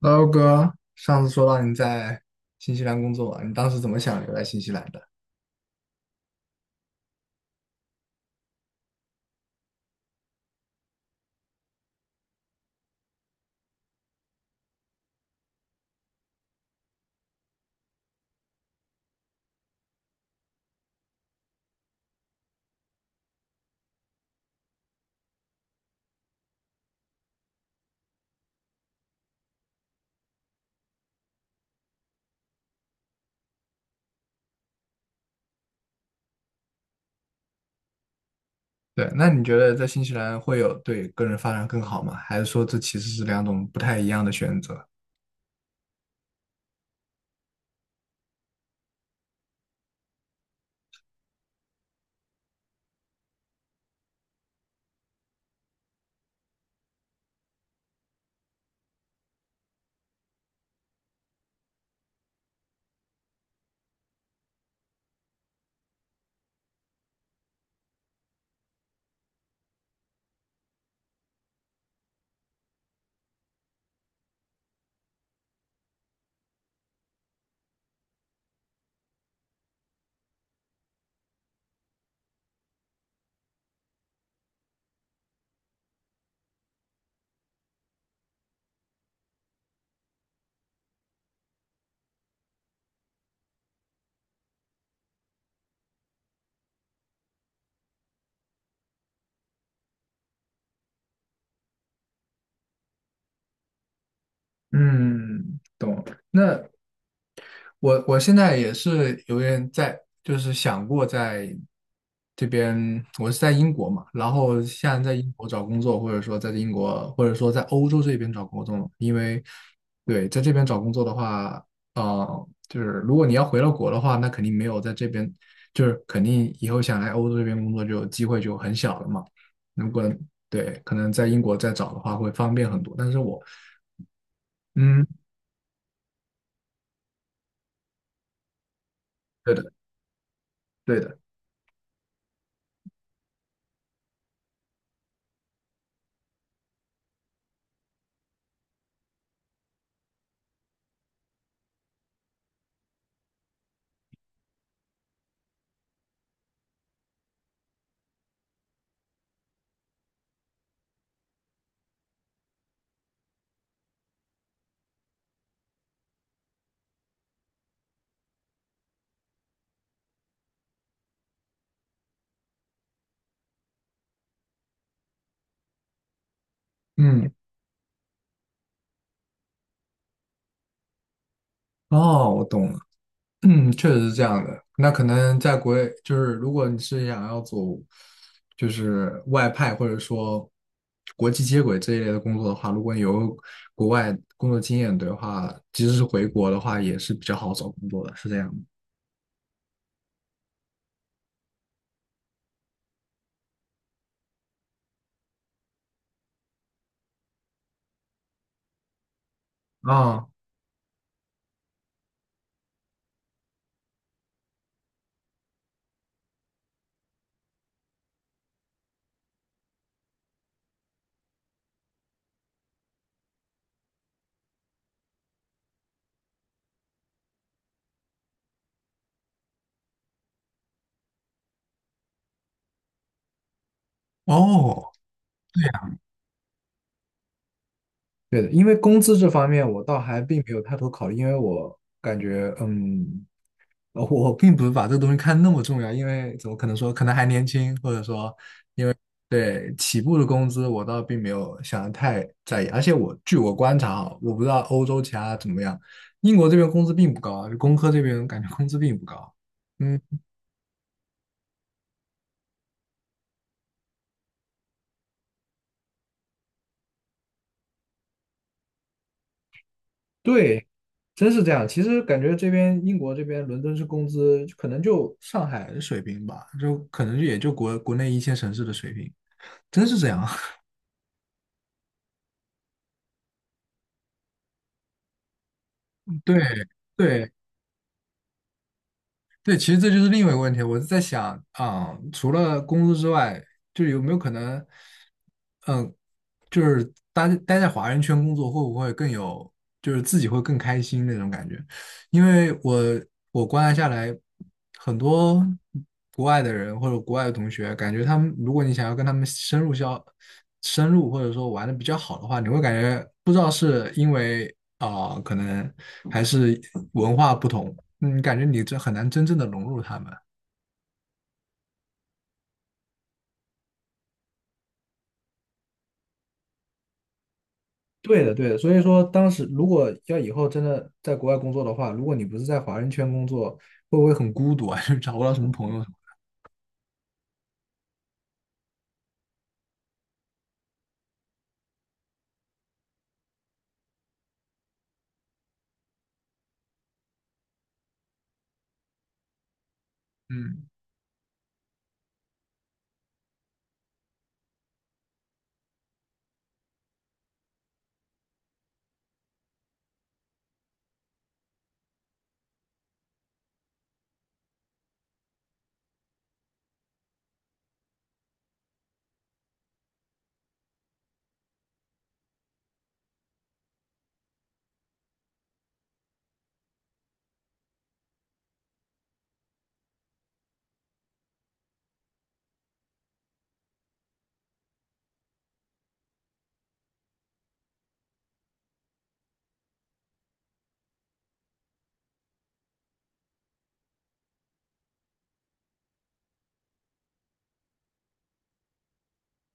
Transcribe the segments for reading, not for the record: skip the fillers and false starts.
h e 哥，上次说到你在新西兰工作，你当时怎么想留在新西兰的？对，那你觉得在新西兰会有对个人发展更好吗？还是说这其实是两种不太一样的选择？嗯，懂。那我现在也是有点在，就是想过在这边，我是在英国嘛，然后现在在英国找工作，或者说在英国，或者说在欧洲这边找工作，因为对，在这边找工作的话，就是如果你要回到国的话，那肯定没有在这边，就是肯定以后想来欧洲这边工作就机会就很小了嘛。如果对，可能在英国再找的话会方便很多，但是我，嗯，对的，对的，嗯，哦，我懂了。嗯，确实是这样的。那可能在国内，就是如果你是想要走，就是外派或者说国际接轨这一类的工作的话，如果你有国外工作经验的话，即使是回国的话，也是比较好找工作的，是这样的。啊，哦，对的，因为工资这方面我倒还并没有太多考虑，因为我感觉，我并不是把这个东西看那么重要，因为怎么可能说，可能还年轻，或者说对，起步的工资我倒并没有想的太在意，而且我据我观察啊，我不知道欧洲其他怎么样，英国这边工资并不高啊就工科这边感觉工资并不高。嗯，对，真是这样。其实感觉这边英国这边伦敦是工资可能就上海的水平吧，就可能也就国内一线城市的水平，真是这样。对对对，其实这就是另外一个问题，我是在想啊、除了工资之外，就有没有可能？嗯。就是待在华人圈工作会不会更有，就是自己会更开心那种感觉？因为我观察下来，很多国外的人或者国外的同学，感觉他们，如果你想要跟他们深入或者说玩的比较好的话，你会感觉不知道是因为啊、可能还是文化不同，感觉你这很难真正的融入他们。对的，对的，所以说当时如果要以后真的在国外工作的话，如果你不是在华人圈工作，会不会很孤独啊？就是找不到什么朋友什么？嗯，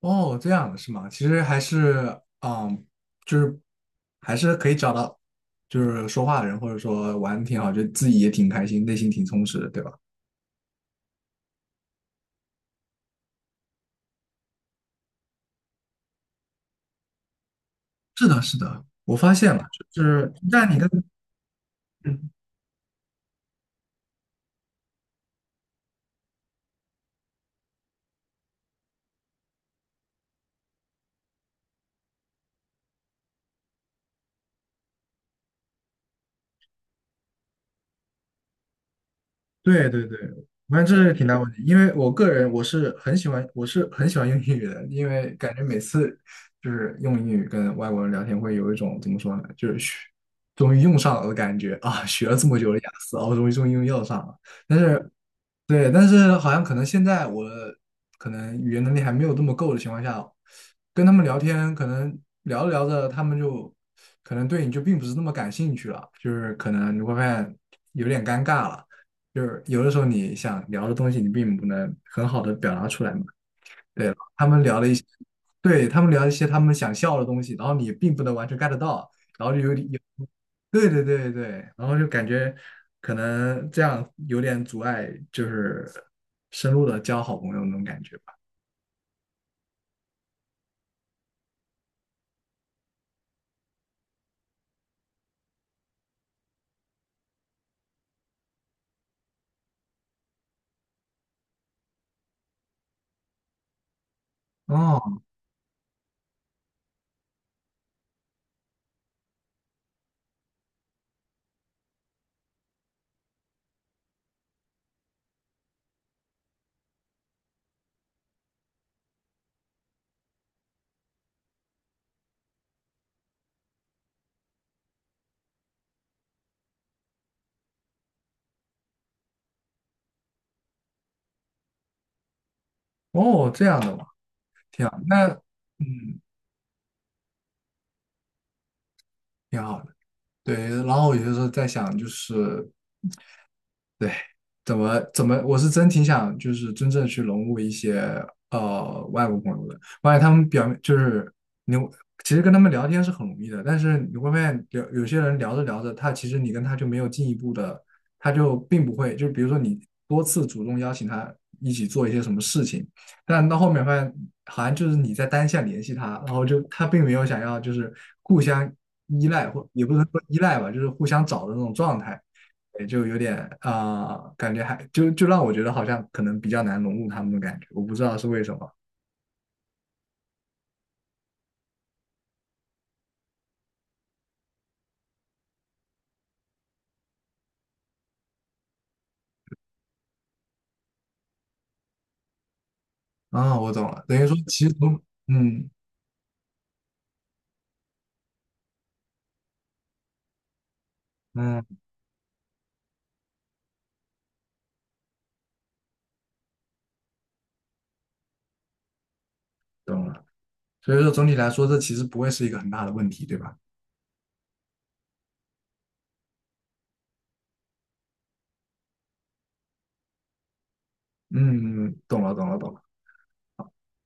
哦，这样的是吗？其实还是，嗯，就是还是可以找到，就是说话的人，或者说玩的挺好，就自己也挺开心，内心挺充实的，对吧？是的，是的，我发现了，就是在你跟，对对对，反正这是挺大问题，因为我个人我是很喜欢用英语的，因为感觉每次就是用英语跟外国人聊天，会有一种怎么说呢，就是终于用上了的感觉啊，学了这么久的雅思啊，我终于用上了。但是对，但是好像可能现在我可能语言能力还没有这么够的情况下，跟他们聊天，可能聊着聊着，他们就可能对你就并不是那么感兴趣了，就是可能你会发现有点尴尬了，就是有的时候你想聊的东西，你并不能很好的表达出来嘛。对，他们聊了一些，对，他们聊一些他们想笑的东西，然后你并不能完全 get 到，然后就有点对对对对，然后就感觉可能这样有点阻碍，就是深入的交好朋友那种感觉吧。哦哦，这样的嘛，挺好。那嗯，挺好的。对，然后我有些时候在想，就是。对。怎么，我是真挺想就是真正去融入一些外国朋友的，我发现他们表面就是你其实跟他们聊天是很容易的，但是你会发现有些人聊着聊着，他其实你跟他就没有进一步的，他就并不会，就是比如说你多次主动邀请他一起做一些什么事情，但到后面发现好像就是你在单向联系他，然后就他并没有想要就是互相依赖或也不能说依赖吧，就是互相找的那种状态。也就有点感觉还就让我觉得好像可能比较难融入他们的感觉，我不知道是为什么啊，我懂了，等于说其实从嗯嗯懂了，所以说总体来说这其实不会是一个很大的问题，对吧？嗯，懂了懂了懂了。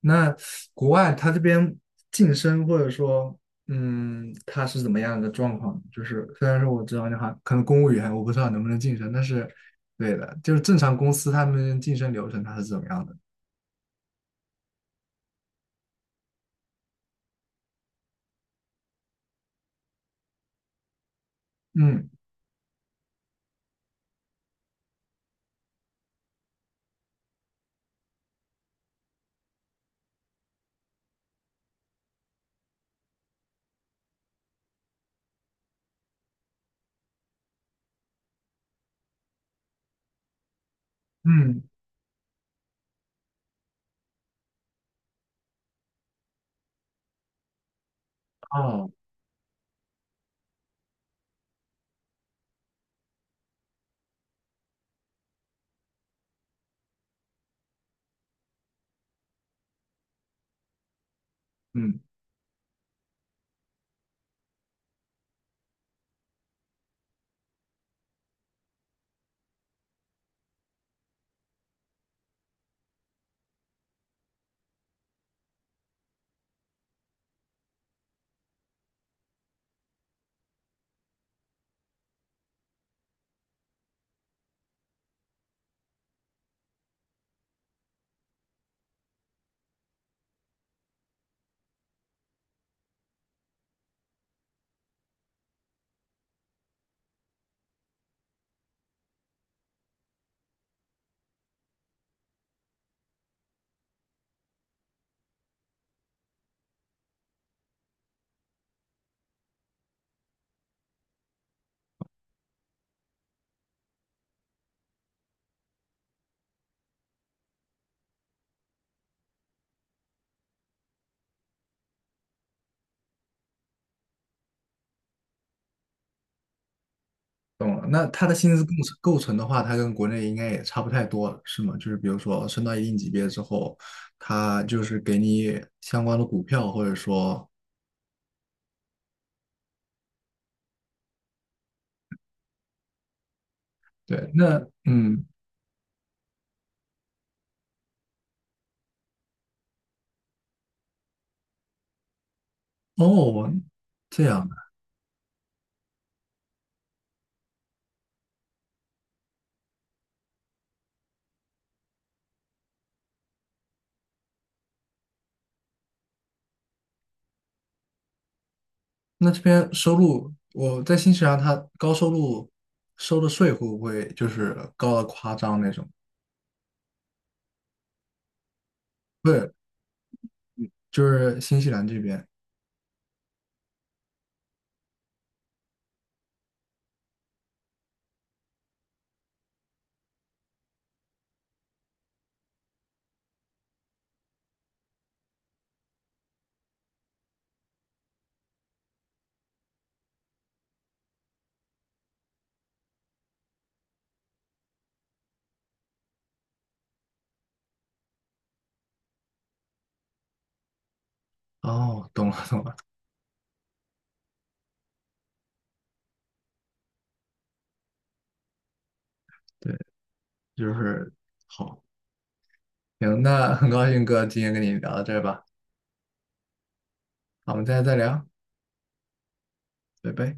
那国外它这边晋升或者说它是怎么样的状况？就是虽然说我知道你好像可能公务员我不知道能不能晋升，但是对的，就是正常公司他们晋升流程它是怎么样的？嗯嗯。哦，嗯，懂了。那它的薪资构成的话，它跟国内应该也差不太多了，是吗？就是比如说升到一定级别之后，它就是给你相关的股票，或者说，对，那嗯，哦，这样的。那这边收入，我在新西兰，它高收入收的税会不会就是高的夸张那种？不是，就是新西兰这边。哦，懂了，懂了。对，就是好，行，那很高兴哥今天跟你聊到这儿吧，好我们再聊。拜拜。